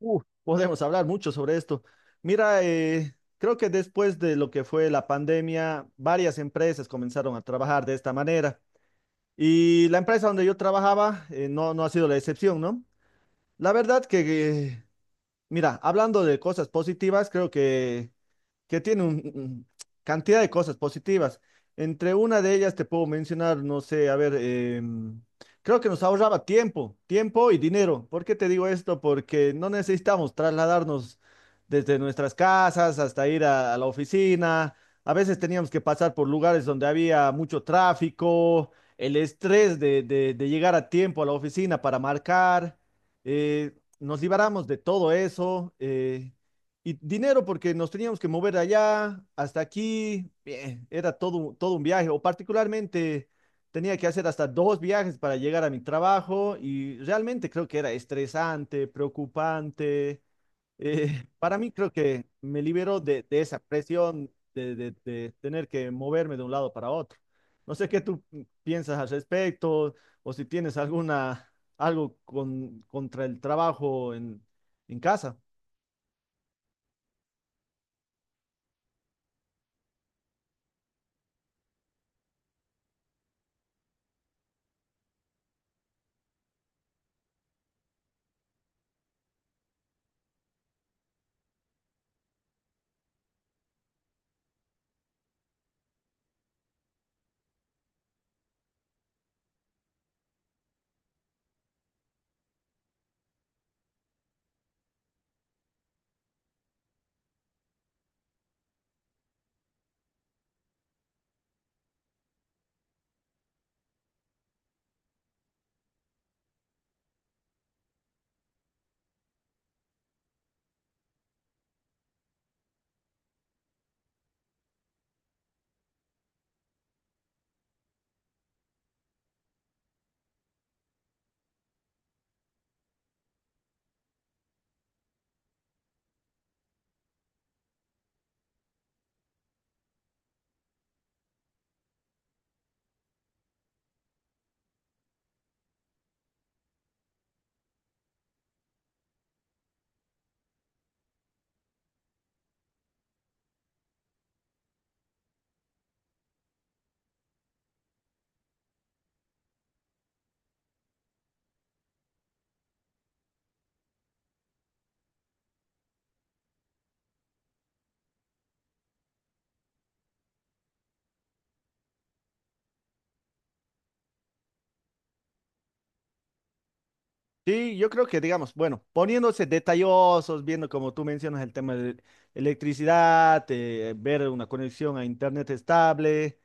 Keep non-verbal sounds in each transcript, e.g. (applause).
Podemos hablar mucho sobre esto. Mira, creo que después de lo que fue la pandemia, varias empresas comenzaron a trabajar de esta manera. Y la empresa donde yo trabajaba, no ha sido la excepción, ¿no? La verdad que, eh, mira, hablando de cosas positivas, creo que tiene cantidad de cosas positivas. Entre una de ellas te puedo mencionar, no sé, a ver, creo que nos ahorraba tiempo, tiempo y dinero. ¿Por qué te digo esto? Porque no necesitamos trasladarnos desde nuestras casas hasta ir a la oficina. A veces teníamos que pasar por lugares donde había mucho tráfico, el estrés de llegar a tiempo a la oficina para marcar. Nos liberamos de todo eso. Y dinero porque nos teníamos que mover allá, hasta aquí, bien, era todo, todo un viaje, o particularmente tenía que hacer hasta dos viajes para llegar a mi trabajo, y realmente creo que era estresante, preocupante. (laughs) Para mí creo que me liberó de esa presión de, de tener que moverme de un lado para otro. No sé qué tú piensas al respecto, o si tienes alguna, algo con, contra el trabajo en casa. Sí, yo creo que, digamos, bueno, poniéndose detallosos, viendo como tú mencionas el tema de electricidad, ver una conexión a internet estable,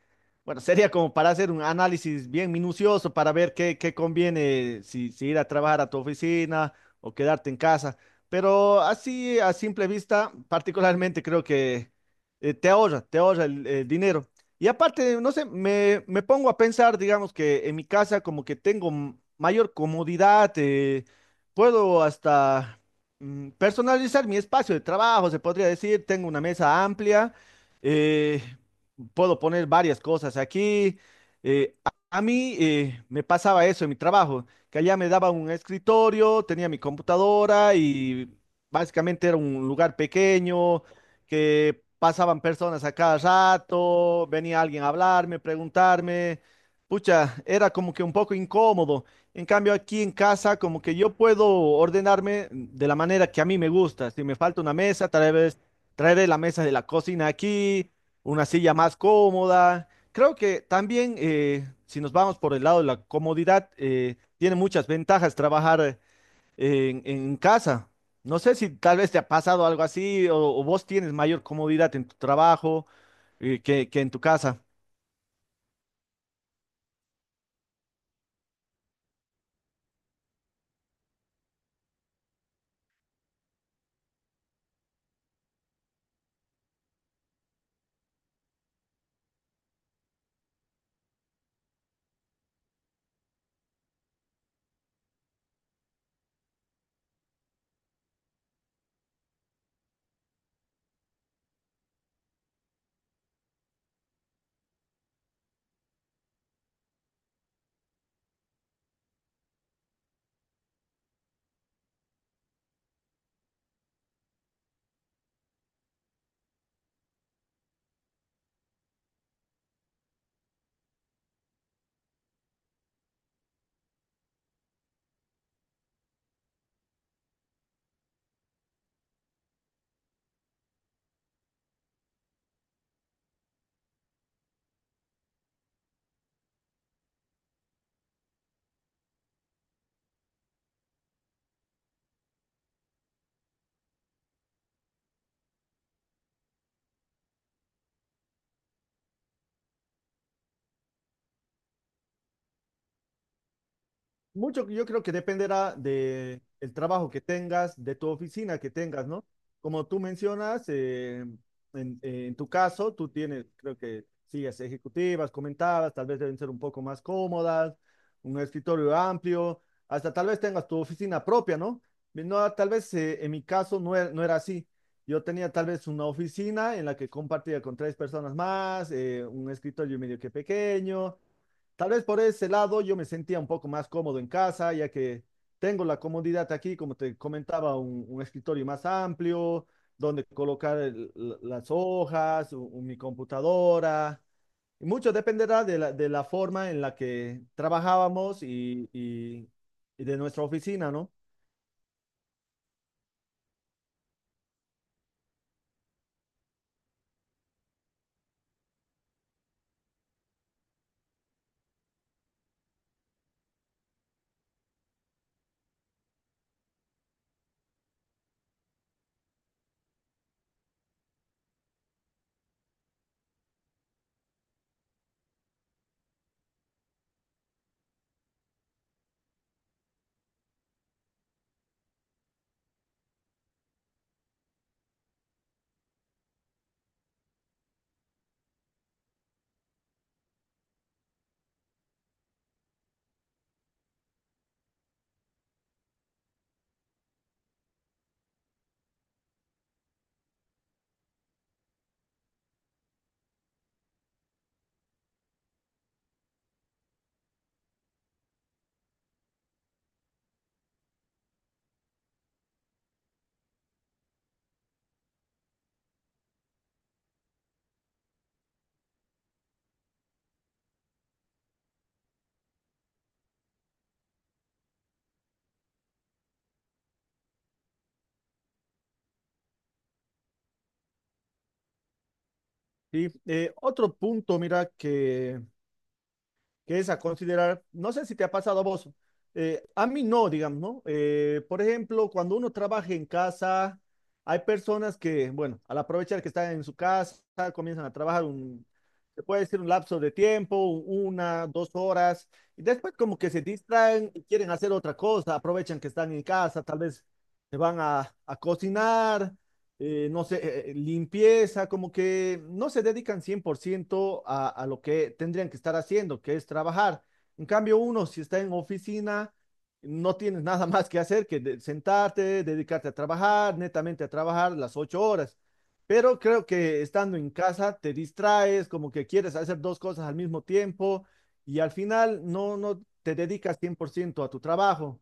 bueno, (laughs) sería como para hacer un análisis bien minucioso para ver qué conviene, si ir a trabajar a tu oficina o quedarte en casa. Pero así, a simple vista, particularmente creo que te ahorra el dinero. Y aparte, no sé, me pongo a pensar, digamos que en mi casa como que tengo mayor comodidad, puedo hasta personalizar mi espacio de trabajo, se podría decir, tengo una mesa amplia, eh, puedo poner varias cosas aquí. eh, a mí, me pasaba eso en mi trabajo, que allá me daba un escritorio, tenía mi computadora y básicamente era un lugar pequeño que pasaban personas a cada rato, venía alguien a hablarme, preguntarme. Pucha, era como que un poco incómodo. En cambio, aquí en casa, como que yo puedo ordenarme de la manera que a mí me gusta. Si me falta una mesa, tal vez traeré la mesa de la cocina aquí, una silla más cómoda. Creo que también, si nos vamos por el lado de la comodidad, tiene muchas ventajas trabajar en casa. No sé si tal vez te ha pasado algo así, o vos tienes mayor comodidad en tu trabajo, que en tu casa. Mucho, yo creo que dependerá de el trabajo que tengas, de tu oficina que tengas, ¿no? Como tú mencionas, en tu caso, tú tienes, creo que sillas ejecutivas, comentabas, tal vez deben ser un poco más cómodas, un escritorio amplio, hasta tal vez tengas tu oficina propia, ¿no? No, tal vez, en mi caso no era así. Yo tenía tal vez una oficina en la que compartía con tres personas más, un escritorio medio que pequeño. Tal vez por ese lado yo me sentía un poco más cómodo en casa, ya que tengo la comodidad aquí, como te comentaba, un escritorio más amplio, donde colocar las hojas, mi computadora. Y mucho dependerá de la, forma en la que trabajábamos y de nuestra oficina, ¿no? Y, otro punto, mira, que es a considerar, no sé si te ha pasado a vos, a mí no, digamos, ¿no? Por ejemplo, cuando uno trabaja en casa, hay personas que, bueno, al aprovechar que están en su casa, comienzan a trabajar se puede decir un lapso de tiempo, una, 2 horas, y después como que se distraen y quieren hacer otra cosa, aprovechan que están en casa, tal vez se van a cocinar, no sé, limpieza, como que no se dedican 100% a lo que tendrían que estar haciendo, que es trabajar. En cambio, uno, si está en oficina, no tienes (laughs) nada más que hacer que sentarte, dedicarte a trabajar, netamente a trabajar las 8 horas. Pero creo que estando en casa te distraes, como que quieres hacer dos cosas al mismo tiempo y al final no te dedicas 100% a tu trabajo.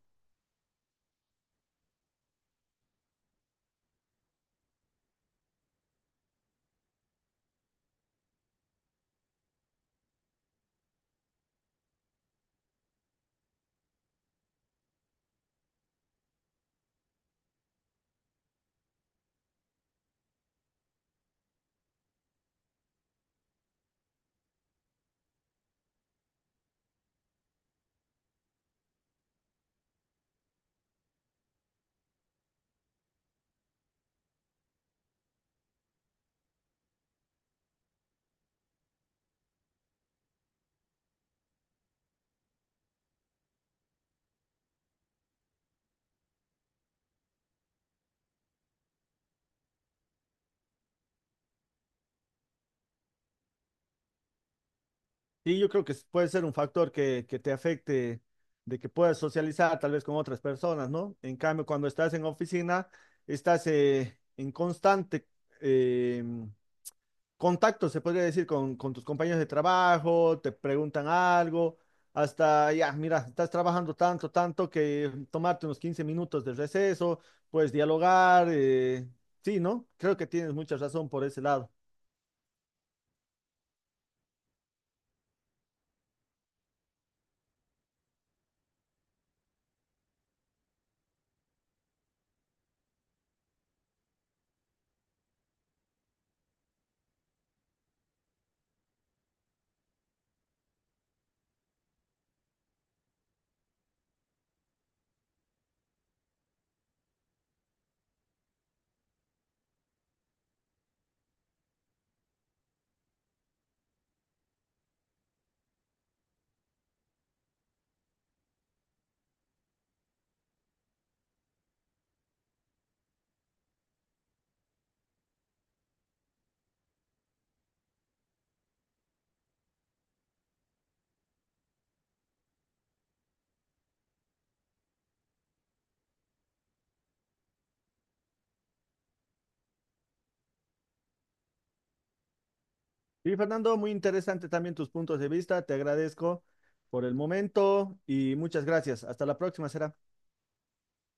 Sí, yo creo que puede ser un factor que te afecte, de que puedas socializar tal vez con otras personas, ¿no? En cambio, cuando estás en oficina, estás, en constante, eh, contacto, se podría decir, con tus compañeros de trabajo, te preguntan algo, hasta ya, mira, estás trabajando tanto, tanto que tomarte unos 15 minutos de receso, puedes dialogar, sí, ¿no? Creo que tienes mucha razón por ese lado. Sí, Fernando, muy interesante también tus puntos de vista. Te agradezco por el momento y muchas gracias. Hasta la próxima, será.